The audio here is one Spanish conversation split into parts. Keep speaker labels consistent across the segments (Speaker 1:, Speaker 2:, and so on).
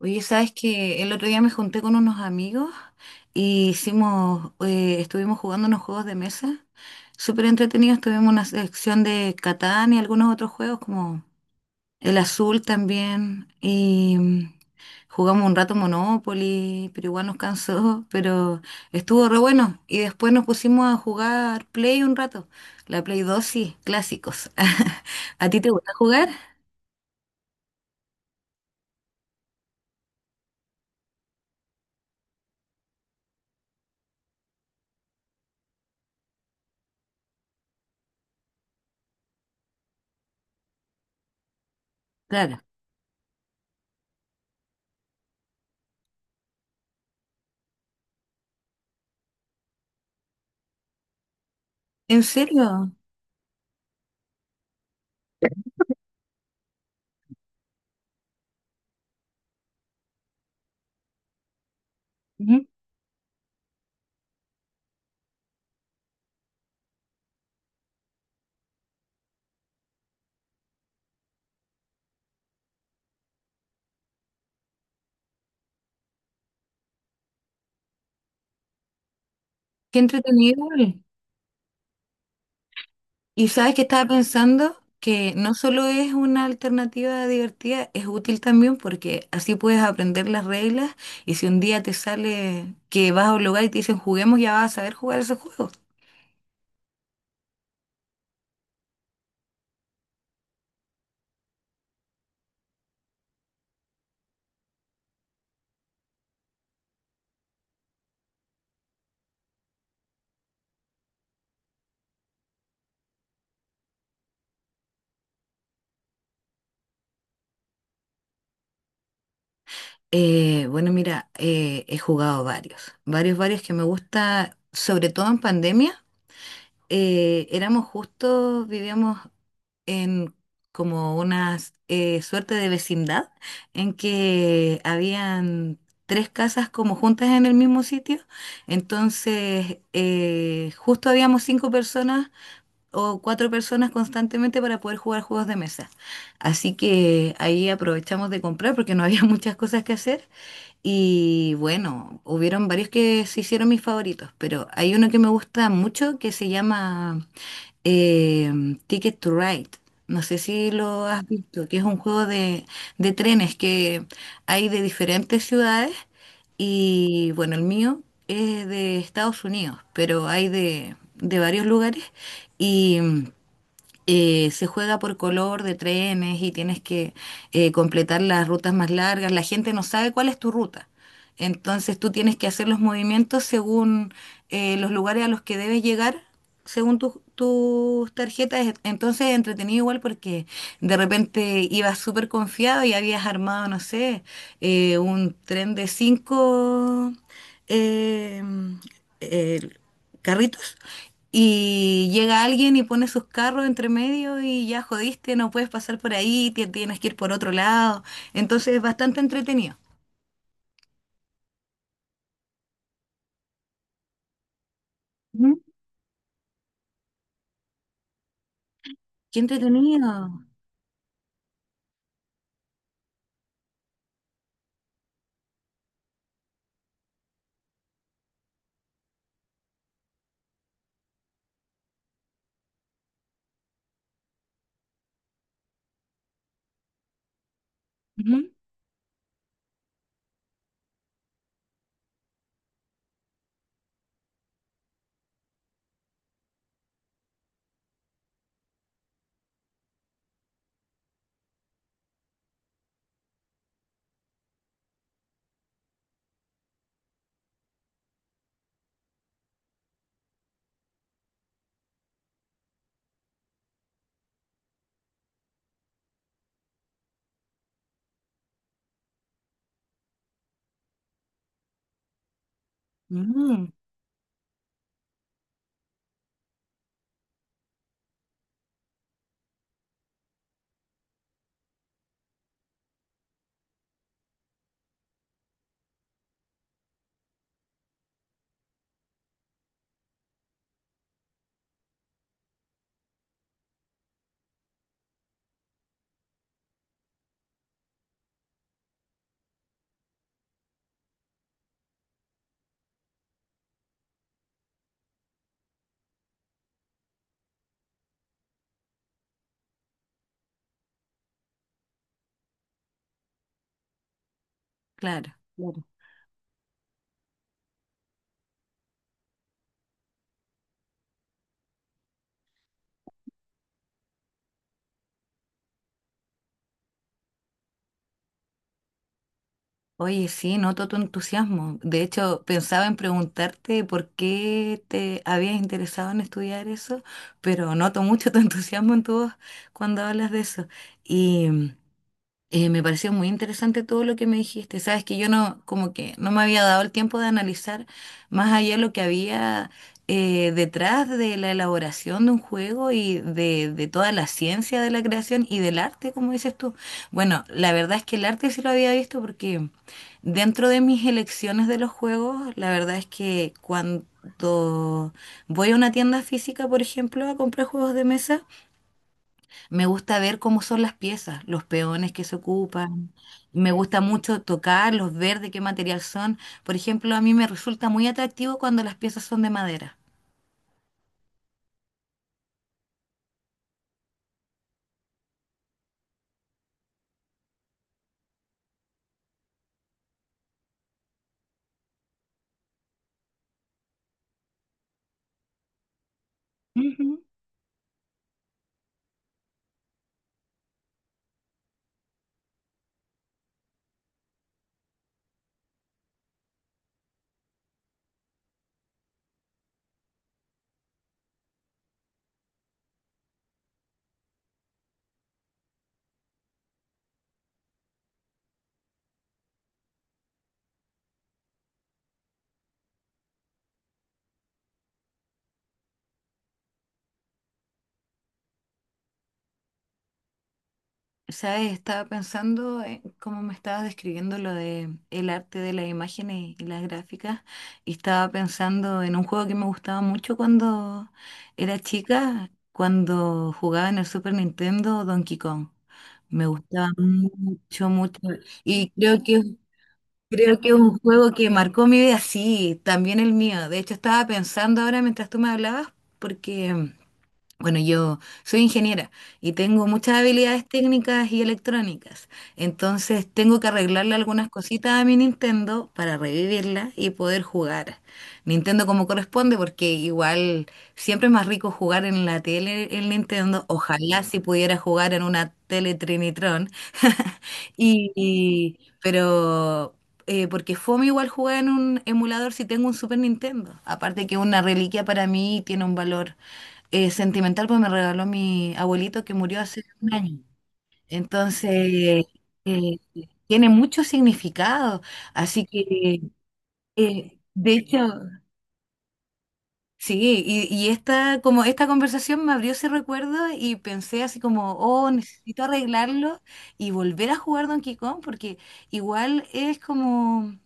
Speaker 1: Oye, sabes que el otro día me junté con unos amigos y estuvimos jugando unos juegos de mesa súper entretenidos. Tuvimos una sección de Catán y algunos otros juegos como el Azul también. Jugamos un rato Monopoly, pero igual nos cansó, pero estuvo re bueno. Y después nos pusimos a jugar Play un rato. La Play 2 sí, clásicos. ¿A ti te gusta jugar? Claro. ¿En serio? Ujú. Qué entretenido. Y sabes que estaba pensando que no solo es una alternativa divertida, es útil también porque así puedes aprender las reglas, y si un día te sale que vas a un lugar y te dicen juguemos, ya vas a saber jugar ese juego. Bueno, mira, he jugado varios, varios, varios que me gusta, sobre todo en pandemia. Eh, éramos justos, vivíamos en como una suerte de vecindad en que habían tres casas como juntas en el mismo sitio. Entonces, justo habíamos cinco personas o cuatro personas constantemente para poder jugar juegos de mesa. Así que ahí aprovechamos de comprar porque no había muchas cosas que hacer. Y bueno, hubieron varios que se hicieron mis favoritos, pero hay uno que me gusta mucho que se llama eh, Ticket to Ride. No sé si lo has visto, que es un juego de, trenes que hay de diferentes ciudades, y bueno, el mío es de Estados Unidos, pero hay de varios lugares, y se juega por color de trenes, y tienes que completar las rutas más largas. La gente no sabe cuál es tu ruta. Entonces tú tienes que hacer los movimientos según los lugares a los que debes llegar según tus tarjetas. Entonces, entretenido igual porque de repente ibas súper confiado y habías armado, no sé, un tren de cinco eh, eh, carritos, y llega alguien y pone sus carros entre medio y ya jodiste, no puedes pasar por ahí, tienes que ir por otro lado. Entonces es bastante entretenido. Ujú. Qué entretenido. Ujú. Mm, claro. Oye, sí, noto tu entusiasmo. De hecho, pensaba en preguntarte por qué te habías interesado en estudiar eso, pero noto mucho tu entusiasmo en tu voz cuando hablas de eso. Me pareció muy interesante todo lo que me dijiste. Sabes que yo no, como que no me había dado el tiempo de analizar más allá lo que había detrás de la elaboración de un juego y de toda la ciencia de la creación y del arte, como dices tú. Bueno, la verdad es que el arte sí lo había visto porque dentro de mis elecciones de los juegos, la verdad es que cuando voy a una tienda física, por ejemplo, a comprar juegos de mesa, me gusta ver cómo son las piezas, los peones que se ocupan. Me gusta mucho tocarlos, ver de qué material son. Por ejemplo, a mí me resulta muy atractivo cuando las piezas son de madera. Ujú. ¿Sabes? Estaba pensando en cómo me estabas describiendo lo de el arte de las imágenes y las gráficas, y estaba pensando en un juego que me gustaba mucho cuando era chica, cuando jugaba en el Super Nintendo Donkey Kong. Me gustaba mucho, mucho. Y creo que es Creo que es un juego que marcó mi vida, sí, también el mío. De hecho, estaba pensando ahora mientras tú me hablabas, porque bueno, yo soy ingeniera y tengo muchas habilidades técnicas y electrónicas, entonces tengo que arreglarle algunas cositas a mi Nintendo para revivirla y poder jugar Nintendo como corresponde, porque igual siempre es más rico jugar en la tele en Nintendo, ojalá si pudiera jugar en una tele Trinitron, y, pero... porque fome igual jugar en un emulador si tengo un Super Nintendo. Aparte que una reliquia para mí tiene un valor sentimental, pues me regaló mi abuelito que murió hace un año. Entonces, eh, tiene mucho significado. Así que, de hecho, sí, y esta, como esta conversación me abrió ese recuerdo y pensé así como, oh, necesito arreglarlo y volver a jugar Donkey Kong, porque igual es como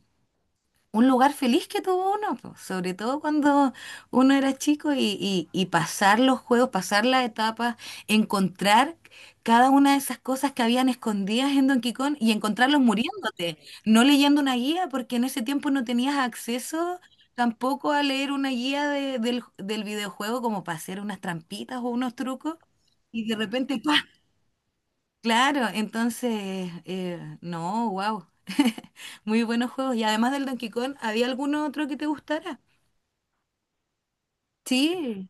Speaker 1: un lugar feliz que tuvo uno, po, sobre todo cuando uno era chico y, y pasar los juegos, pasar las etapas, encontrar cada una de esas cosas que habían escondidas en Donkey Kong y encontrarlos muriéndote, no leyendo una guía, porque en ese tiempo no tenías acceso tampoco a leer una guía del, del videojuego como para hacer unas trampitas o unos trucos. Y de repente, ¡pa! Claro, entonces, no, wow. Muy buenos juegos. Y además del Donkey Kong, ¿había algún otro que te gustara? Sí,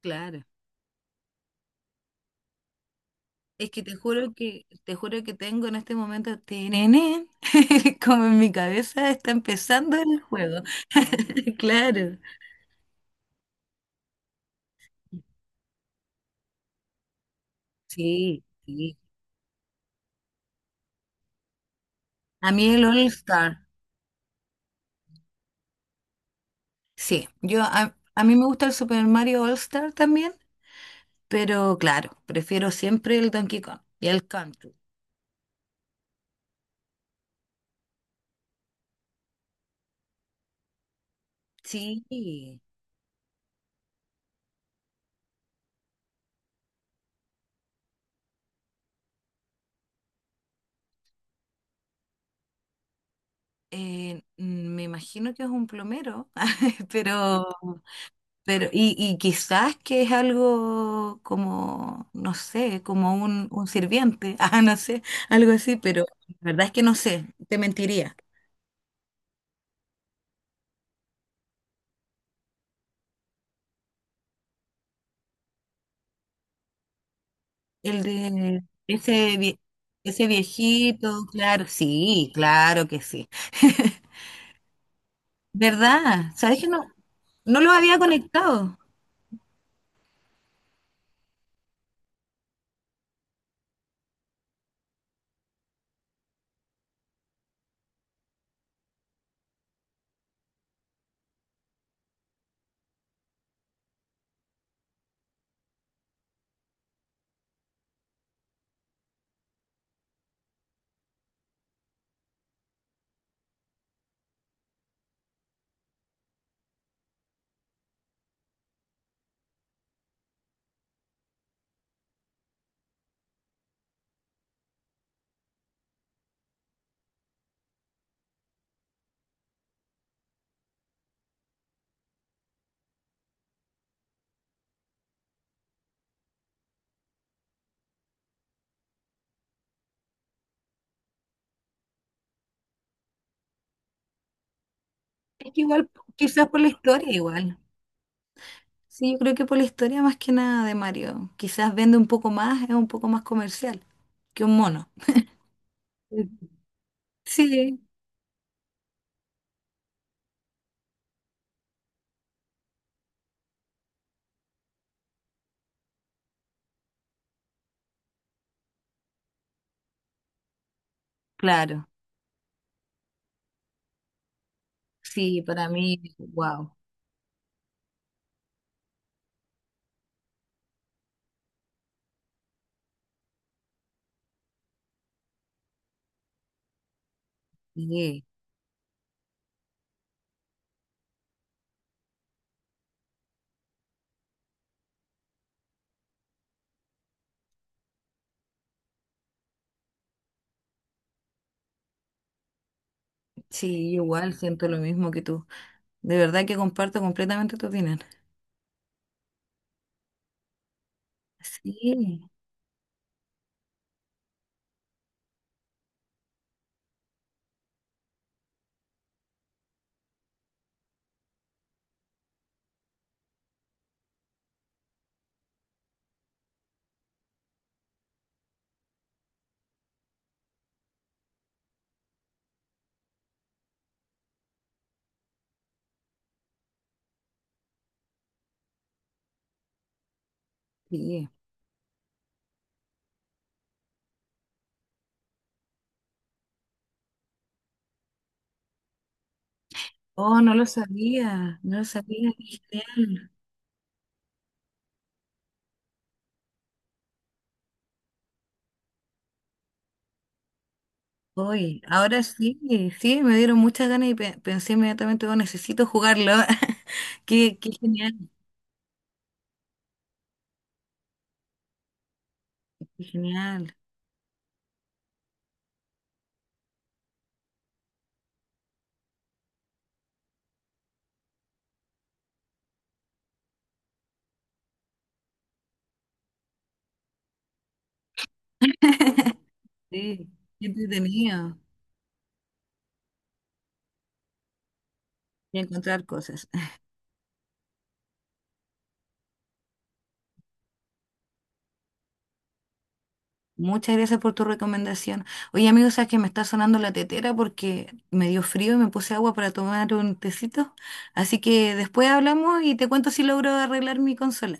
Speaker 1: claro. Es que te juro que tengo en este momento, como en mi cabeza está empezando el juego. Claro. Sí, sí. A mí el All Star. Sí, yo a mí me gusta el Super Mario All Star también, pero claro, prefiero siempre el Donkey Kong y el Country. Sí. Me imagino que es un plomero, pero, pero y quizás que es algo como, no sé, como un, sirviente, ah, no sé, algo así, pero la verdad es que no sé, te mentiría. El de ese viejito, claro, sí, claro que sí. ¿Verdad? ¿Sabes que no lo había conectado? Es que igual, quizás por la historia igual. Sí, yo creo que por la historia más que nada de Mario. Quizás vende un poco más, es un poco más comercial que un mono. Sí, claro. Sí, para mí, wow. Sí, sí, yo igual siento lo mismo que tú. De verdad que comparto completamente tu opinión. Sí, sí. Oh, no lo sabía, no lo sabía. Qué genial. Hoy, ahora sí, sí, me dieron muchas ganas y pensé inmediatamente, oh, necesito jugarlo. Qué, qué genial, qué genial. Sí, qué entretenido. Y encontrar cosas. Muchas gracias por tu recomendación. Oye, amigo, sabes que me está sonando la tetera porque me dio frío y me puse agua para tomar un tecito. Así que después hablamos y te cuento si logro arreglar mi consola.